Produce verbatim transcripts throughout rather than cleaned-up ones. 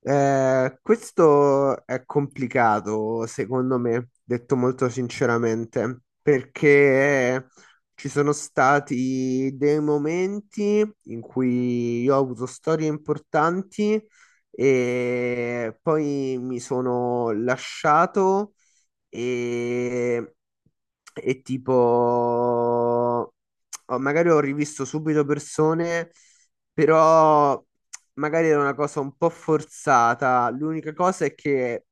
Eh, questo è complicato, secondo me, detto molto sinceramente, perché ci sono stati dei momenti in cui io ho avuto storie importanti e poi mi sono lasciato e, e tipo, ho- magari ho rivisto subito persone, però magari era una cosa un po' forzata. L'unica cosa è che,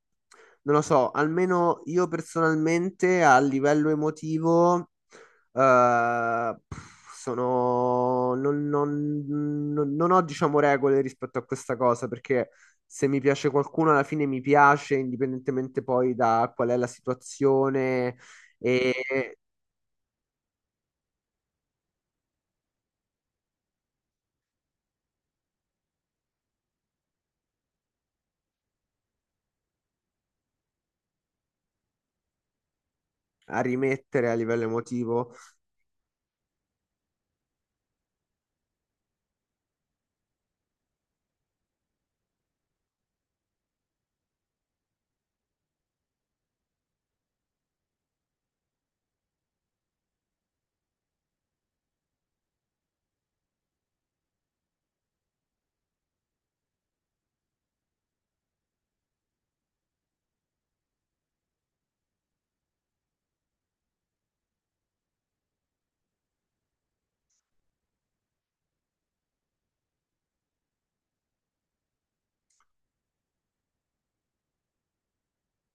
non lo so, almeno io personalmente a livello emotivo, eh, pff, sono, non, non- non- non ho, diciamo, regole rispetto a questa cosa perché se mi piace qualcuno, alla fine mi piace, indipendentemente poi da qual è la situazione e a rimettere a livello emotivo.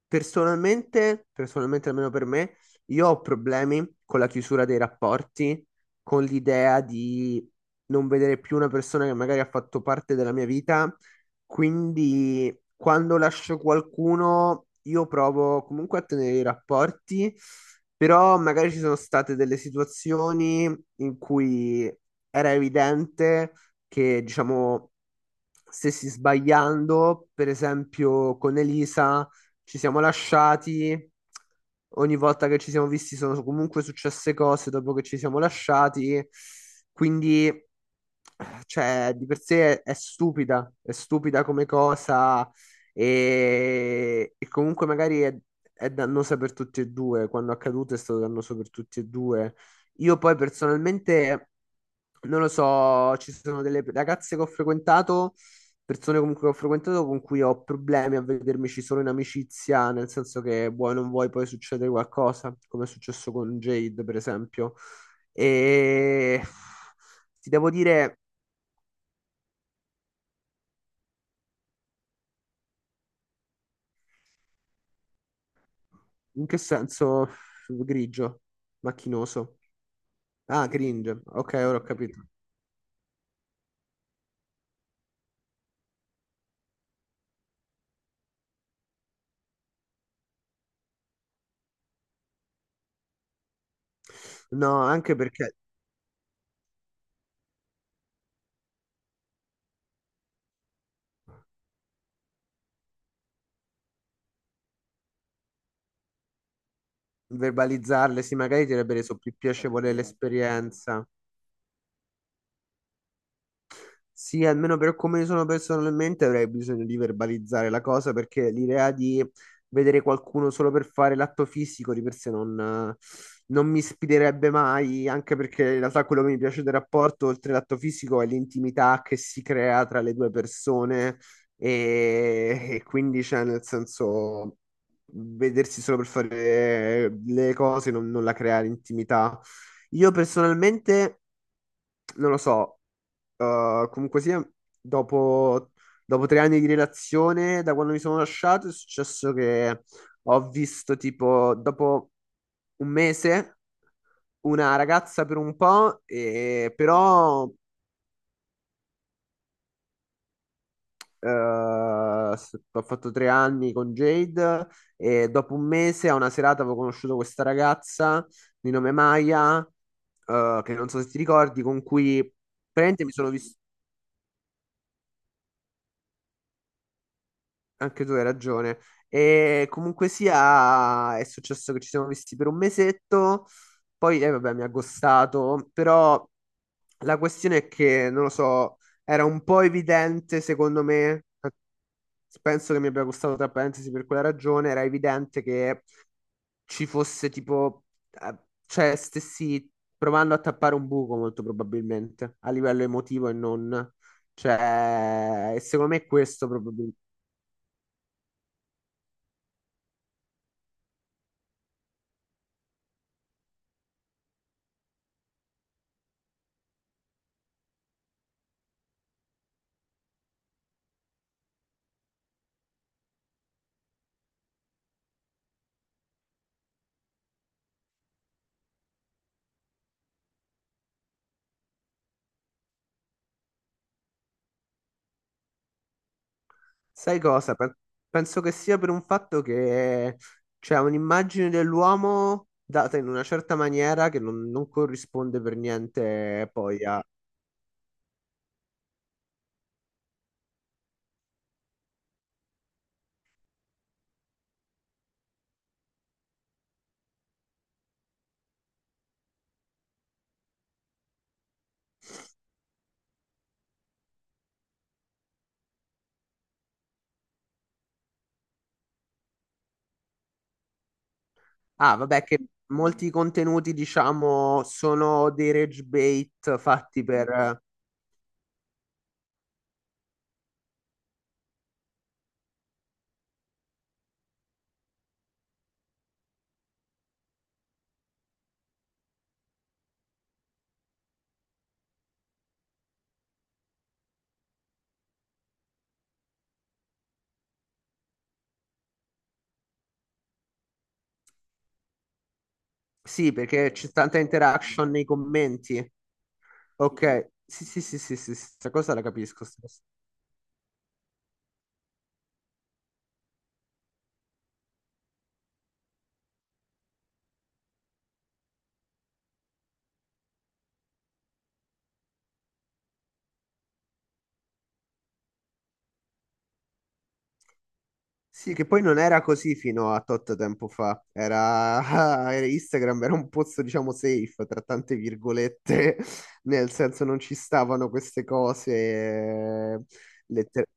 Personalmente, personalmente almeno per me, io ho problemi con la chiusura dei rapporti, con l'idea di non vedere più una persona che magari ha fatto parte della mia vita, quindi quando lascio qualcuno io provo comunque a tenere i rapporti, però magari ci sono state delle situazioni in cui era evidente che, diciamo, stessi sbagliando, per esempio con Elisa ci siamo lasciati. Ogni volta che ci siamo visti sono comunque successe cose dopo che ci siamo lasciati. Quindi, cioè, di per sé è, è stupida, è stupida come cosa e, e comunque magari è, è dannosa per tutti e due. Quando è accaduto è stato dannoso per tutti e due. Io poi personalmente, non lo so, ci sono delle ragazze che ho frequentato persone comunque che ho frequentato con cui ho problemi a vedermici solo in amicizia, nel senso che vuoi o non vuoi poi succedere qualcosa, come è successo con Jade, per esempio. E ti devo dire in che senso grigio, macchinoso. Ah, cringe. Ok, ora ho capito. No, anche perché verbalizzarle, sì, magari ti avrebbe reso più piacevole l'esperienza. Sì, almeno per come sono personalmente avrei bisogno di verbalizzare la cosa perché l'idea di vedere qualcuno solo per fare l'atto fisico di per sé non, non mi ispirerebbe mai, anche perché in realtà quello che mi piace del rapporto, oltre l'atto fisico, è l'intimità che si crea tra le due persone e, e quindi cioè, nel senso vedersi solo per fare le cose non, non la crea l'intimità. Io personalmente non lo so, eh, comunque sia, dopo, dopo tre anni di relazione, da quando mi sono lasciato, è successo che ho visto tipo, dopo un mese, una ragazza per un po', e, però eh, s- ho fatto tre anni con Jade e dopo un mese a una serata avevo conosciuto questa ragazza di nome Maya, eh, che non so se ti ricordi, con cui praticamente mi sono visto... Anche tu hai ragione. E comunque sia, è successo che ci siamo visti per un mesetto, poi eh, vabbè, mi ha ghostato, però la questione è che, non lo so, era un po' evidente secondo me, eh, penso che mi abbia gustato tra parentesi per quella ragione, era evidente che ci fosse tipo, eh, cioè stessi provando a tappare un buco molto probabilmente, a livello emotivo e non. Cioè, e secondo me è questo proprio. Sai cosa? Per- Penso che sia per un fatto che c'è un'immagine dell'uomo data in una certa maniera che non, non corrisponde per niente poi a... Ah, vabbè, che molti contenuti, diciamo, sono dei rage bait fatti per... Sì, perché c'è tanta interaction nei commenti. Ok, sì, sì, sì, sì, sì, questa cosa la capisco. Sì, che poi non era così fino a tot tempo fa. Era, era Instagram, era un pozzo, diciamo, safe, tra tante virgolette, nel senso non ci stavano queste cose. eh, letter-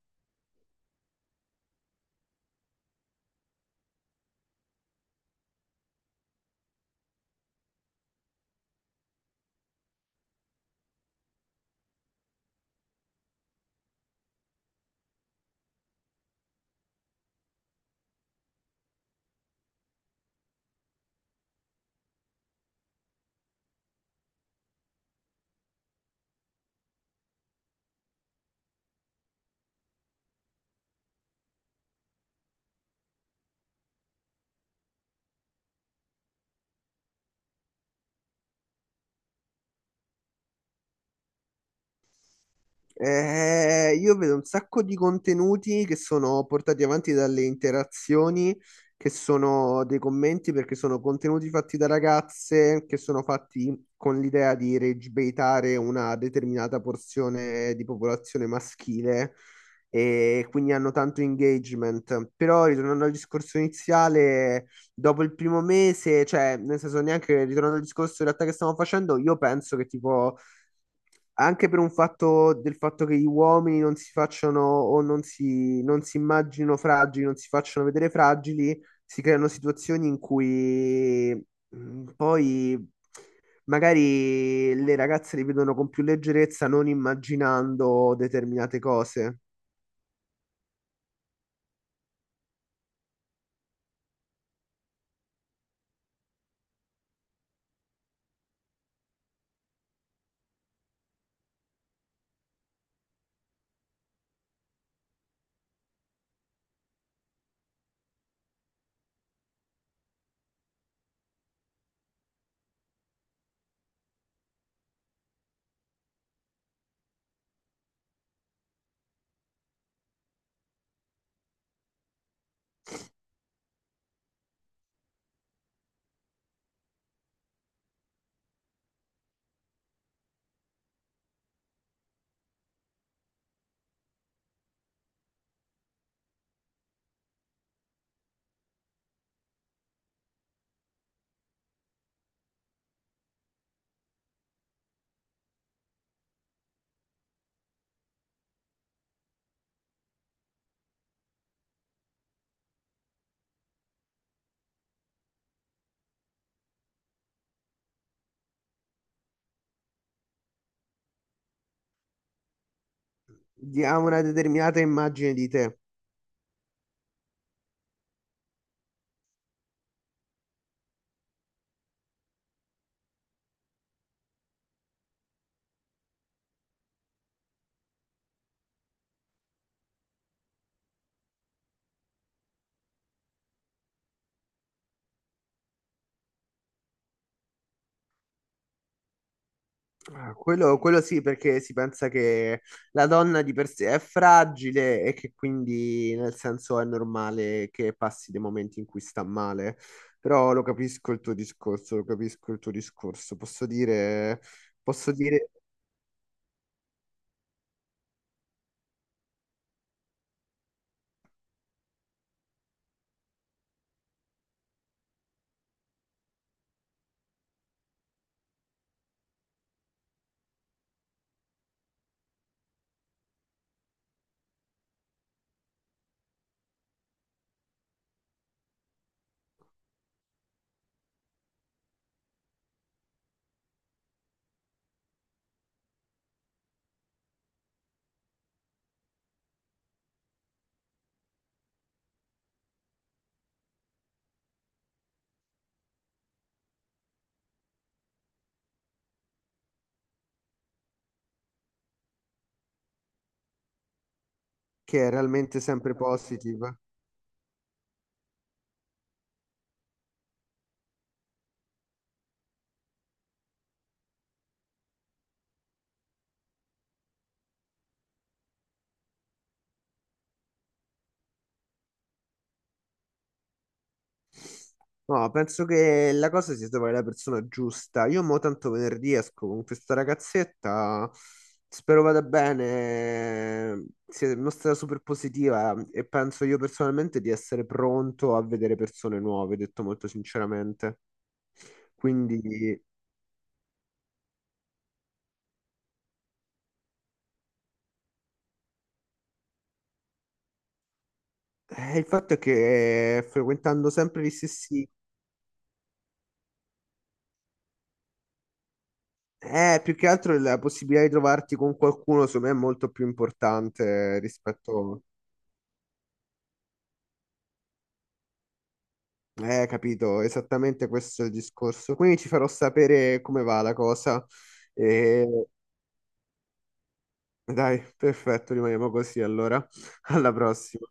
Eh, io vedo un sacco di contenuti che sono portati avanti dalle interazioni, che sono dei commenti, perché sono contenuti fatti da ragazze, che sono fatti con l'idea di regibeitare una determinata porzione di popolazione maschile e quindi hanno tanto engagement. Però, ritornando al discorso iniziale, dopo il primo mese, cioè, nel senso, neanche ritornando al discorso in realtà che stiamo facendo, io penso che tipo anche per un fatto del fatto che gli uomini non si facciano o non si, non si immaginino fragili, non si facciano vedere fragili, si creano situazioni in cui mh, poi magari le ragazze li vedono con più leggerezza, non immaginando determinate cose. Di- Ha una determinata immagine di te. Ah, Quello, quello sì, perché si pensa che la donna di per sé è fragile e che quindi nel senso è normale che passi dei momenti in cui sta male. Però lo capisco il tuo discorso, lo capisco il tuo discorso. Posso dire, posso dire che è realmente sempre positive. No, penso che la cosa sia trovare la persona giusta. Io mo tanto venerdì esco con questa ragazzetta, spero vada bene, si è mostrata super positiva e penso io personalmente di essere pronto a vedere persone nuove, detto molto sinceramente. Quindi eh, il fatto è che frequentando sempre gli stessi... Eh, più che altro la possibilità di trovarti con qualcuno, secondo me, è molto più importante rispetto... Eh, capito, esattamente questo è il discorso. Quindi ci farò sapere come va la cosa. E... Dai, perfetto, rimaniamo così allora. Alla prossima.